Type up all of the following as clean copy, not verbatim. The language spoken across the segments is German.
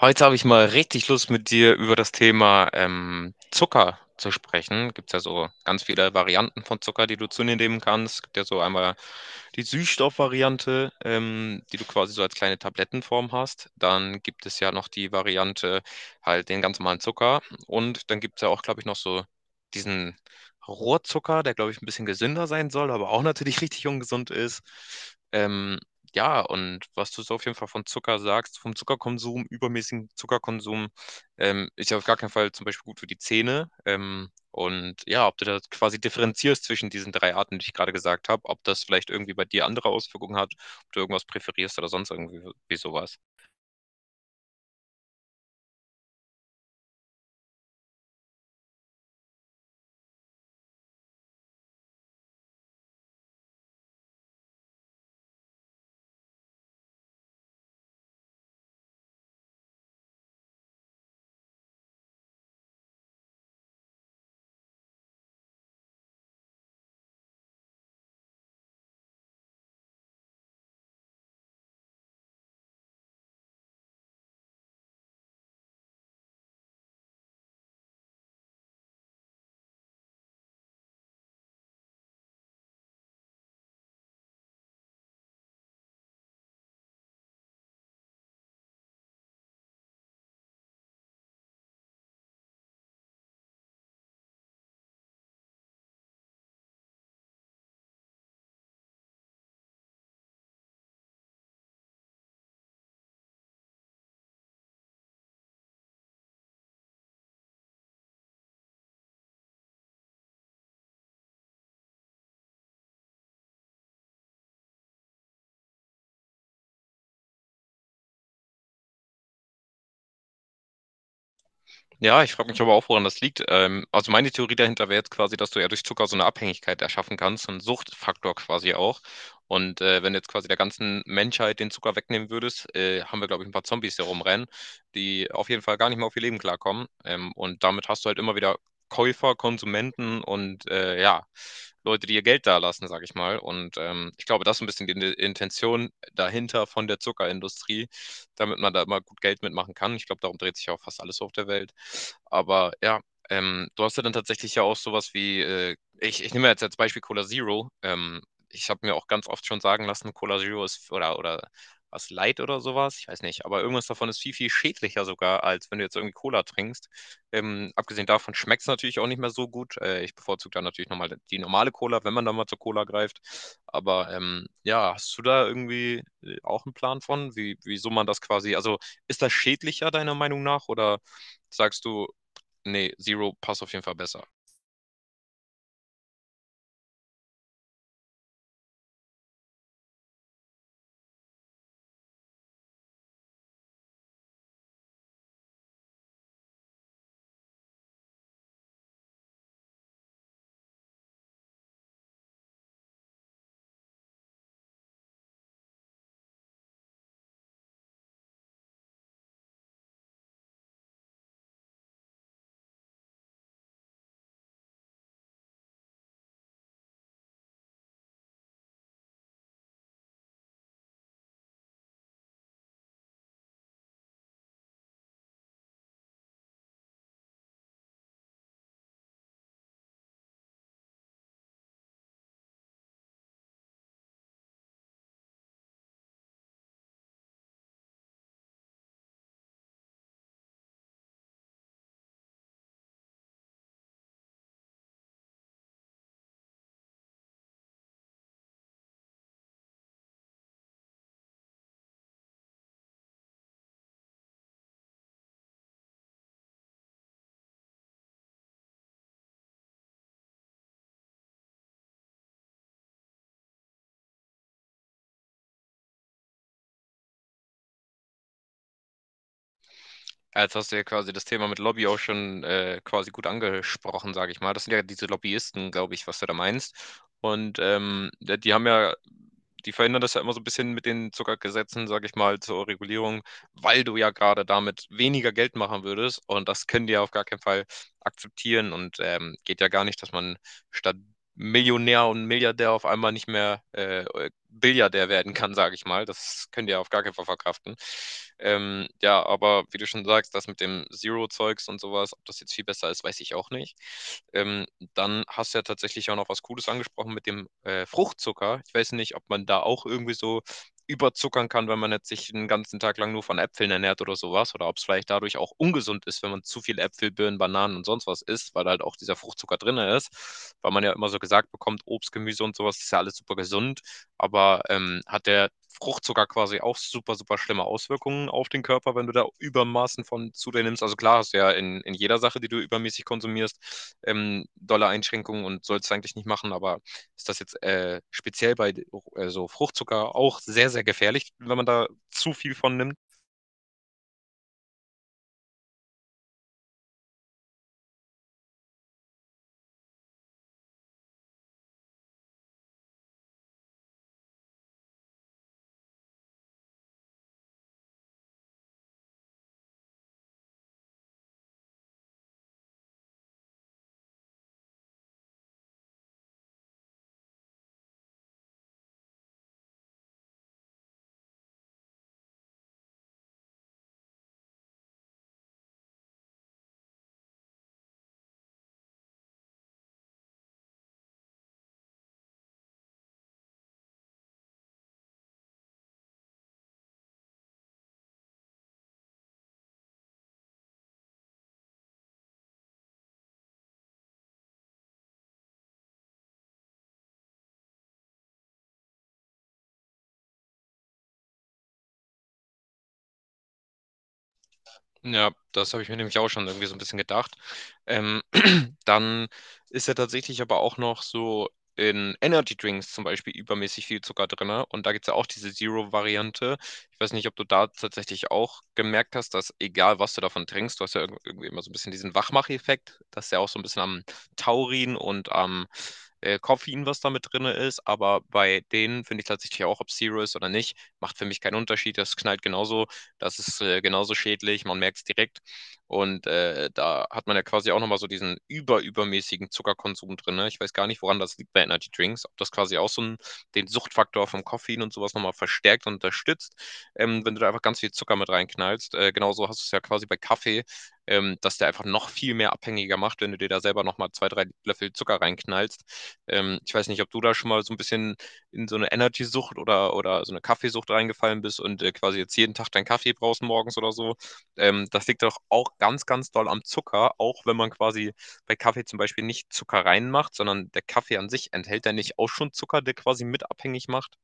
Heute habe ich mal richtig Lust, mit dir über das Thema Zucker zu sprechen. Gibt es ja so ganz viele Varianten von Zucker, die du zu dir nehmen kannst. Gibt ja so einmal die Süßstoffvariante, die du quasi so als kleine Tablettenform hast. Dann gibt es ja noch die Variante, halt den ganz normalen Zucker. Und dann gibt es ja auch, glaube ich, noch so diesen Rohrzucker, der, glaube ich, ein bisschen gesünder sein soll, aber auch natürlich richtig ungesund ist. Ähm, ja, und was du so auf jeden Fall von Zucker sagst, vom Zuckerkonsum, übermäßigen Zuckerkonsum, ist ja auf gar keinen Fall zum Beispiel gut für die Zähne. Und ja, ob du da quasi differenzierst zwischen diesen drei Arten, die ich gerade gesagt habe, ob das vielleicht irgendwie bei dir andere Auswirkungen hat, ob du irgendwas präferierst oder sonst irgendwie so, wie sowas. Ja, ich frage mich aber auch, woran das liegt. Also meine Theorie dahinter wäre jetzt quasi, dass du ja durch Zucker so eine Abhängigkeit erschaffen kannst, so einen Suchtfaktor quasi auch. Und wenn du jetzt quasi der ganzen Menschheit den Zucker wegnehmen würdest, haben wir, glaube ich, ein paar Zombies, die rumrennen, die auf jeden Fall gar nicht mehr auf ihr Leben klarkommen. Und damit hast du halt immer wieder Käufer, Konsumenten und ja, Leute, die ihr Geld da lassen, sage ich mal. Und ich glaube, das ist ein bisschen die Intention dahinter von der Zuckerindustrie damit man da immer gut Geld mitmachen kann. Ich glaube, darum dreht sich ja auch fast alles auf der Welt. Aber ja, du hast ja dann tatsächlich ja auch sowas wie, ich, ich nehme jetzt als Beispiel Cola Zero. Ich habe mir auch ganz oft schon sagen lassen, Cola Zero ist oder was Light oder sowas, ich weiß nicht, aber irgendwas davon ist viel, viel schädlicher sogar, als wenn du jetzt irgendwie Cola trinkst. Abgesehen davon schmeckt es natürlich auch nicht mehr so gut. Ich bevorzuge dann natürlich nochmal die normale Cola, wenn man da mal zur Cola greift. Aber ja, hast du da irgendwie auch einen Plan von, wie, wieso man das quasi, also ist das schädlicher deiner Meinung nach oder sagst du, nee, Zero passt auf jeden Fall besser? Jetzt hast du ja quasi das Thema mit Lobby auch schon quasi gut angesprochen, sage ich mal. Das sind ja diese Lobbyisten, glaube ich, was du da meinst. Und die haben ja, die verhindern das ja immer so ein bisschen mit den Zuckergesetzen, sage ich mal, zur Regulierung, weil du ja gerade damit weniger Geld machen würdest. Und das können die ja auf gar keinen Fall akzeptieren und geht ja gar nicht, dass man statt Millionär und Milliardär auf einmal nicht mehr Billiardär werden kann, sage ich mal. Das könnt ihr auf gar keinen Fall verkraften. Ja, aber wie du schon sagst, das mit dem Zero-Zeugs und sowas, ob das jetzt viel besser ist, weiß ich auch nicht. Ähm, Dann hast du ja tatsächlich auch noch was Cooles angesprochen mit dem Fruchtzucker. Ich weiß nicht, ob man da auch irgendwie so überzuckern kann, wenn man jetzt sich den ganzen Tag lang nur von Äpfeln ernährt oder sowas, oder ob es vielleicht dadurch auch ungesund ist, wenn man zu viel Äpfel, Birnen, Bananen und sonst was isst, weil halt auch dieser Fruchtzucker drin ist, weil man ja immer so gesagt bekommt, Obst, Gemüse und sowas ist ja alles super gesund, aber hat der Fruchtzucker quasi auch super, super schlimme Auswirkungen auf den Körper, wenn du da Übermaßen von zu dir nimmst. Also klar hast du ja in jeder Sache, die du übermäßig konsumierst, dolle Einschränkungen und sollst eigentlich nicht machen, aber ist das jetzt speziell bei so Fruchtzucker auch sehr, sehr gefährlich, wenn man da zu viel von nimmt. Ja, das habe ich mir nämlich auch schon irgendwie so ein bisschen gedacht. Ähm, Dann ist ja tatsächlich aber auch noch so in Energy Drinks zum Beispiel übermäßig viel Zucker drin. Und da gibt es ja auch diese Zero-Variante. Ich weiß nicht, ob du da tatsächlich auch gemerkt hast, dass egal was du davon trinkst, du hast ja irgendwie immer so ein bisschen diesen Wachmacheffekt. Das ist ja auch so ein bisschen am Taurin und am Koffein, was da mit drin ist. Aber bei denen finde ich tatsächlich auch, ob Zero ist oder nicht, macht für mich keinen Unterschied. Das knallt genauso, das ist genauso schädlich. Man merkt es direkt. Und da hat man ja quasi auch nochmal so diesen überübermäßigen Zuckerkonsum drin. Ne? Ich weiß gar nicht, woran das liegt bei Energy Drinks, ob das quasi auch so ein, den Suchtfaktor vom Koffein und sowas nochmal verstärkt und unterstützt, wenn du da einfach ganz viel Zucker mit reinknallst. Genauso hast du es ja quasi bei Kaffee, dass der einfach noch viel mehr abhängiger macht, wenn du dir da selber nochmal zwei, drei Löffel Zucker reinknallst. Ich weiß nicht, ob du da schon mal so ein bisschen in so eine Energy-Sucht oder so eine Kaffeesucht reingefallen bist und quasi jetzt jeden Tag deinen Kaffee brauchst morgens oder so, das liegt doch auch ganz, ganz doll am Zucker, auch wenn man quasi bei Kaffee zum Beispiel nicht Zucker reinmacht, sondern der Kaffee an sich enthält ja nicht auch schon Zucker, der quasi mit abhängig macht.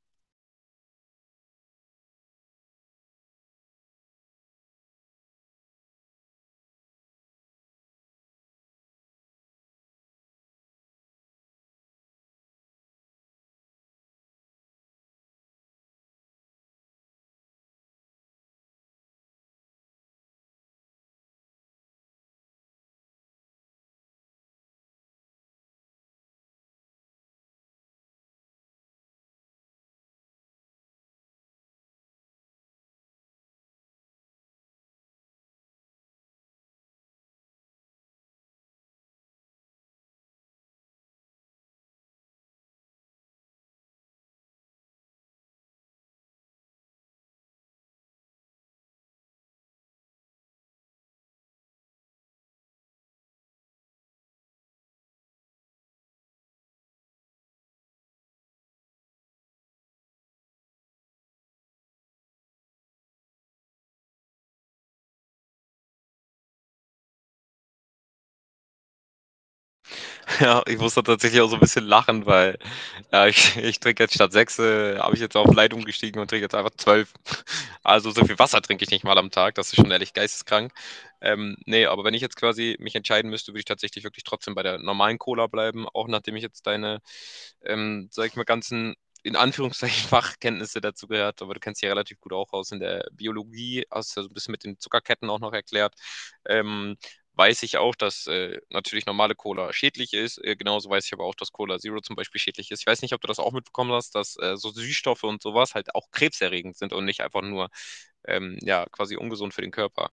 Ja, ich musste tatsächlich auch so ein bisschen lachen, weil, ich ich trinke jetzt statt 6 habe ich jetzt auf light umgestiegen und trinke jetzt einfach 12. Also, so viel Wasser trinke ich nicht mal am Tag, das ist schon ehrlich geisteskrank. Ne, aber wenn ich jetzt quasi mich entscheiden müsste, würde ich tatsächlich wirklich trotzdem bei der normalen Cola bleiben, auch nachdem ich jetzt deine, sage ich mal, ganzen, in Anführungszeichen, Fachkenntnisse dazu gehört, aber du kennst dich ja relativ gut auch aus in der Biologie, hast ja so ein bisschen mit den Zuckerketten auch noch erklärt. Ähm weiß ich auch, dass natürlich normale Cola schädlich ist. Genauso weiß ich aber auch, dass Cola Zero zum Beispiel schädlich ist. Ich weiß nicht, ob du das auch mitbekommen hast, dass so Süßstoffe und sowas halt auch krebserregend sind und nicht einfach nur ja, quasi ungesund für den Körper.